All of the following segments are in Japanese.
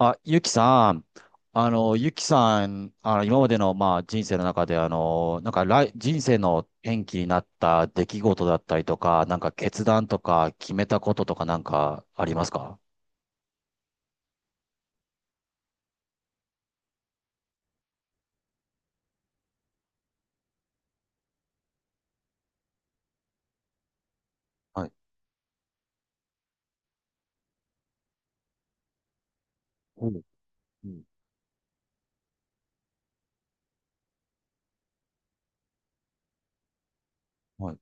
あ、ゆきさん、今までの、まあ、人生の中で、なんか、人生の転機になった出来事だったりとか、なんか、決断とか、決めたこととか、なんか、ありますか？はい。おう。うん。はい。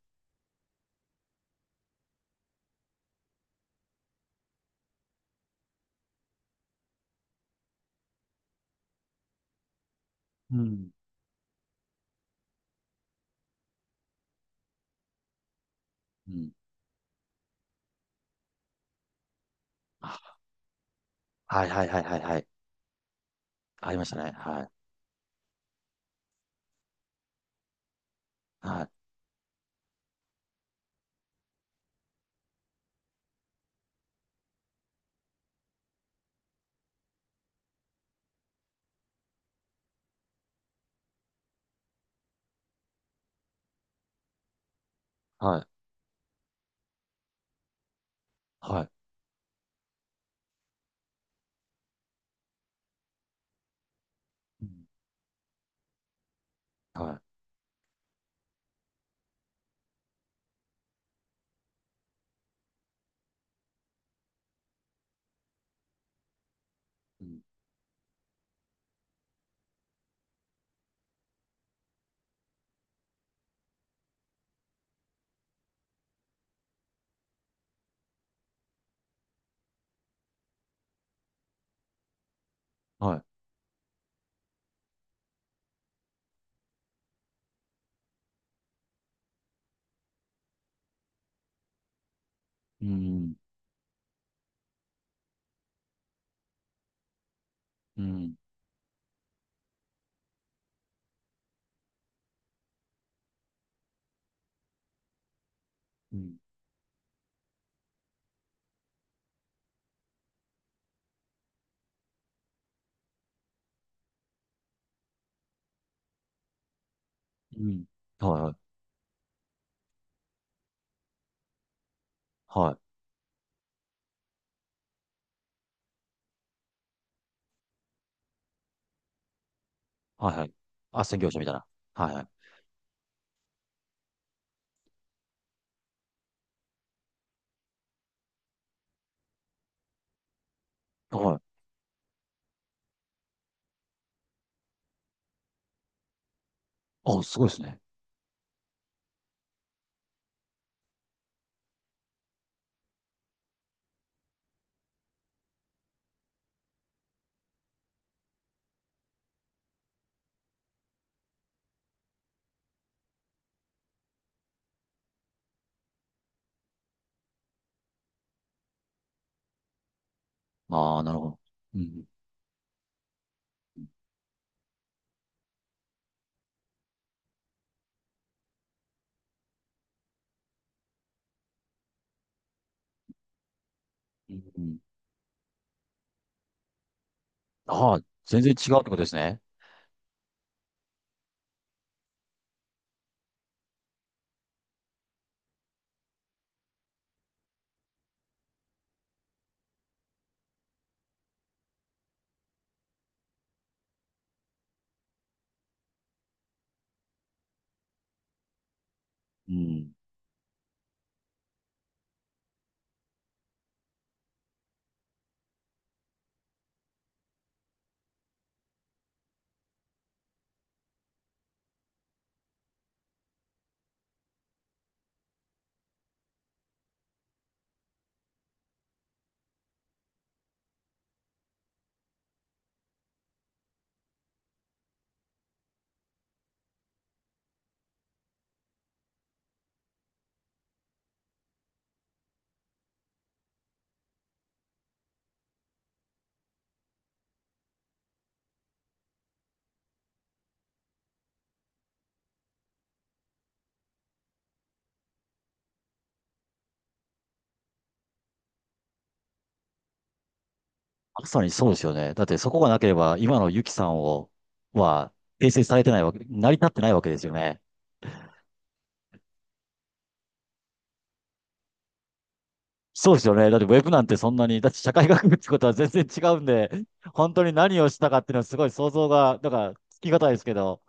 うん。うん。あ、はいはいはいはいはい。ありましたね。はい。はい。はい。はい。うん、はい。うん、はい。うん。うん。うん。うん、はいはい。はい。はいはい。斡旋業者みたいな。はいはい。はい。あ、すごいですね。ああ、なるほど。うん。うん。ああ、全然違うってことですね。うん。まさにそうですよね。だってそこがなければ、今のユキさんを、は、形成されてないわけ、成り立ってないわけですよね。そうですよね。だってウェブなんてそんなに、だって社会学部ってことは全然違うんで、本当に何をしたかっていうのはすごい想像が、だからつきがたいですけど、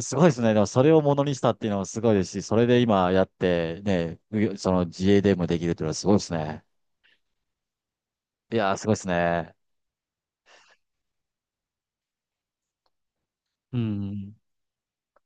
すごいですね。でもそれをものにしたっていうのもすごいですし、それで今やってね、その自営でもできるっていうのはすごいですね。いやー、すごいですね。うん。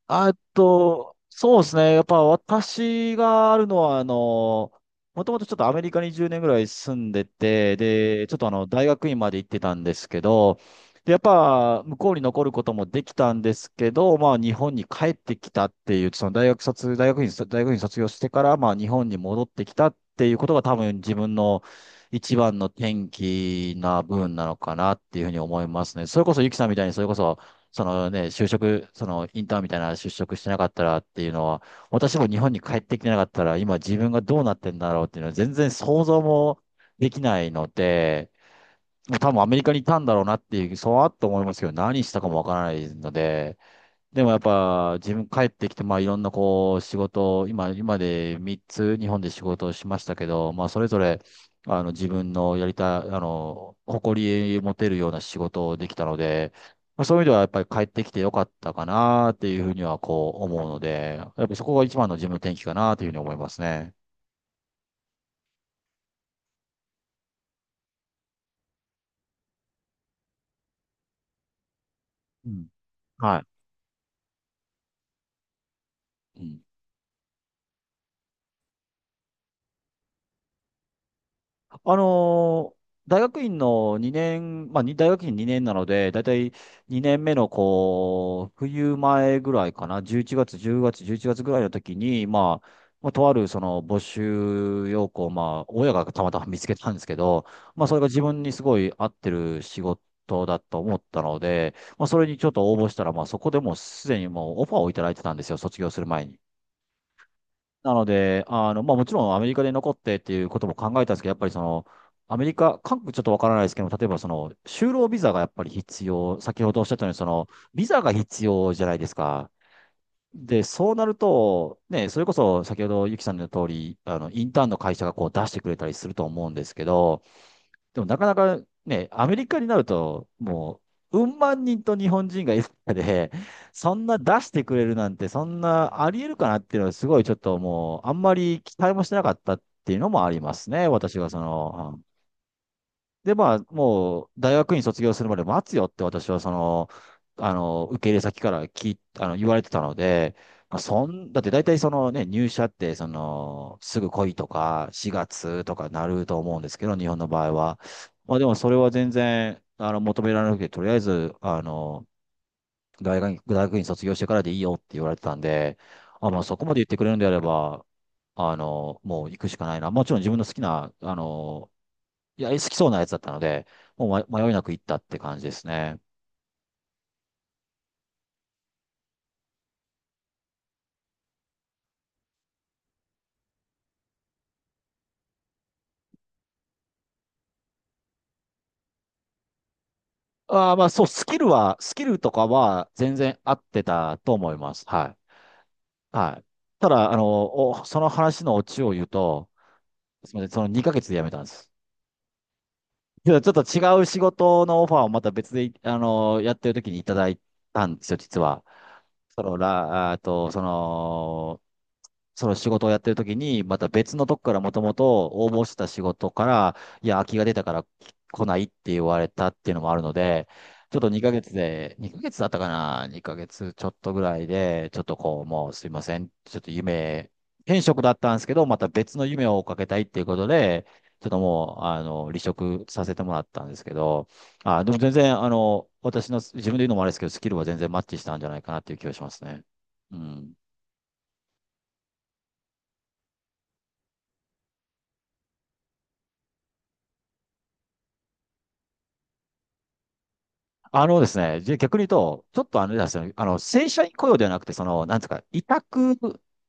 あと、そうですね。やっぱ私があるのは、もともとちょっとアメリカに10年ぐらい住んでて、で、ちょっと大学院まで行ってたんですけど、で、やっぱ向こうに残ることもできたんですけど、まあ日本に帰ってきたっていう、その大学院卒業してから、まあ日本に戻ってきたっていうことが多分自分の一番の転機な部分なのかなっていうふうに思いますね。それこそゆきさんみたいに、それこそそのね、そのインターンみたいな就職してなかったらっていうのは、私も日本に帰ってきてなかったら、今自分がどうなってんだろうっていうのは全然想像もできないので、もう多分アメリカにいたんだろうなっていう、そうあっと思いますけど、何したかもわからないので、でもやっぱ自分帰ってきて、まあいろんなこう仕事を、今で3つ日本で仕事をしましたけど、まあそれぞれ、自分のやりたい、誇り持てるような仕事をできたので、まあそういう意味ではやっぱり帰ってきてよかったかなっていうふうにはこう思うので、やっぱりそこが一番の自分の転機かなというふうに思いますね。うん。はい。うん。あのー大学院の2年、まあ、に大学院2年なので、だいたい2年目のこう、冬前ぐらいかな、11月、10月、11月ぐらいの時に、まあ、とあるその募集要項、まあ、親がたまたま見つけたんですけど、まあ、それが自分にすごい合ってる仕事だと思ったので、まあ、それにちょっと応募したら、まあ、そこでもうすでにもうオファーをいただいてたんですよ、卒業する前に。なので、まあもちろんアメリカで残ってっていうことも考えたんですけど、やっぱりその、アメリカ、韓国ちょっとわからないですけど例えばその、就労ビザがやっぱり必要、先ほどおっしゃったように、その、ビザが必要じゃないですか。で、そうなると、ね、それこそ先ほどゆきさんの言う通り、インターンの会社がこう出してくれたりすると思うんですけど、でもなかなかね、アメリカになると、もう、うん万人と日本人がいる中で、そんな出してくれるなんて、そんなありえるかなっていうのは、すごいちょっともう、あんまり期待もしてなかったっていうのもありますね、私がその、で、まあ、もう、大学院卒業するまで待つよって私は、その、受け入れ先から聞い、あの、言われてたので、まあ、だって大体そのね、入社って、その、すぐ来いとか、4月とかなると思うんですけど、日本の場合は。まあ、でもそれは全然、求められなくて、とりあえず、大学院卒業してからでいいよって言われてたんで、あ、まあ、そこまで言ってくれるんであれば、もう行くしかないな。もちろん自分の好きな、いや、好きそうなやつだったので、もう迷いなく行ったって感じですね。ああ、まあそう、スキルとかは全然合ってたと思います。はい。はい。ただ、その話のオチを言うと、すみません、その2ヶ月で辞めたんです。けどちょっと違う仕事のオファーをまた別で、やってる時にいただいたんですよ、実は。あと、その仕事をやってる時に、また別のとこからもともと応募してた仕事から、いや、空きが出たから来ないって言われたっていうのもあるので、ちょっと2ヶ月で、2ヶ月だったかな？ 2 ヶ月ちょっとぐらいで、ちょっとこう、もうすいません。ちょっと転職だったんですけど、また別の夢を追っかけたいっていうことで、ちょっともう、離職させてもらったんですけど、あ、でも全然、自分で言うのもあれですけど、スキルは全然マッチしたんじゃないかなっていう気がしますね。うん。あのですね、じゃあ逆に言うと、ちょっとあれなんですよね、正社員雇用ではなくて、その、なんですか、委託、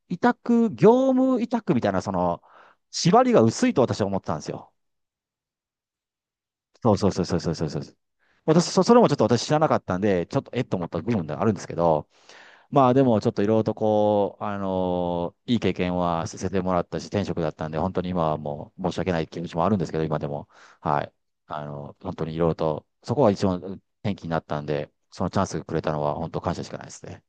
委託、業務委託みたいな、その、縛りが薄いと私は思ってたんですよ。そうそうそうそうそうそうそう。それもちょっと私知らなかったんで、ちょっとえっと思った部分ではあるんですけど、まあでもちょっといろいろとこう、いい経験はさせてもらったし、転職だったんで、本当に今はもう申し訳ない気持ちもあるんですけど、今でも。はい。本当にいろいろと、そこが一番転機になったんで、そのチャンスくれたのは本当感謝しかないですね。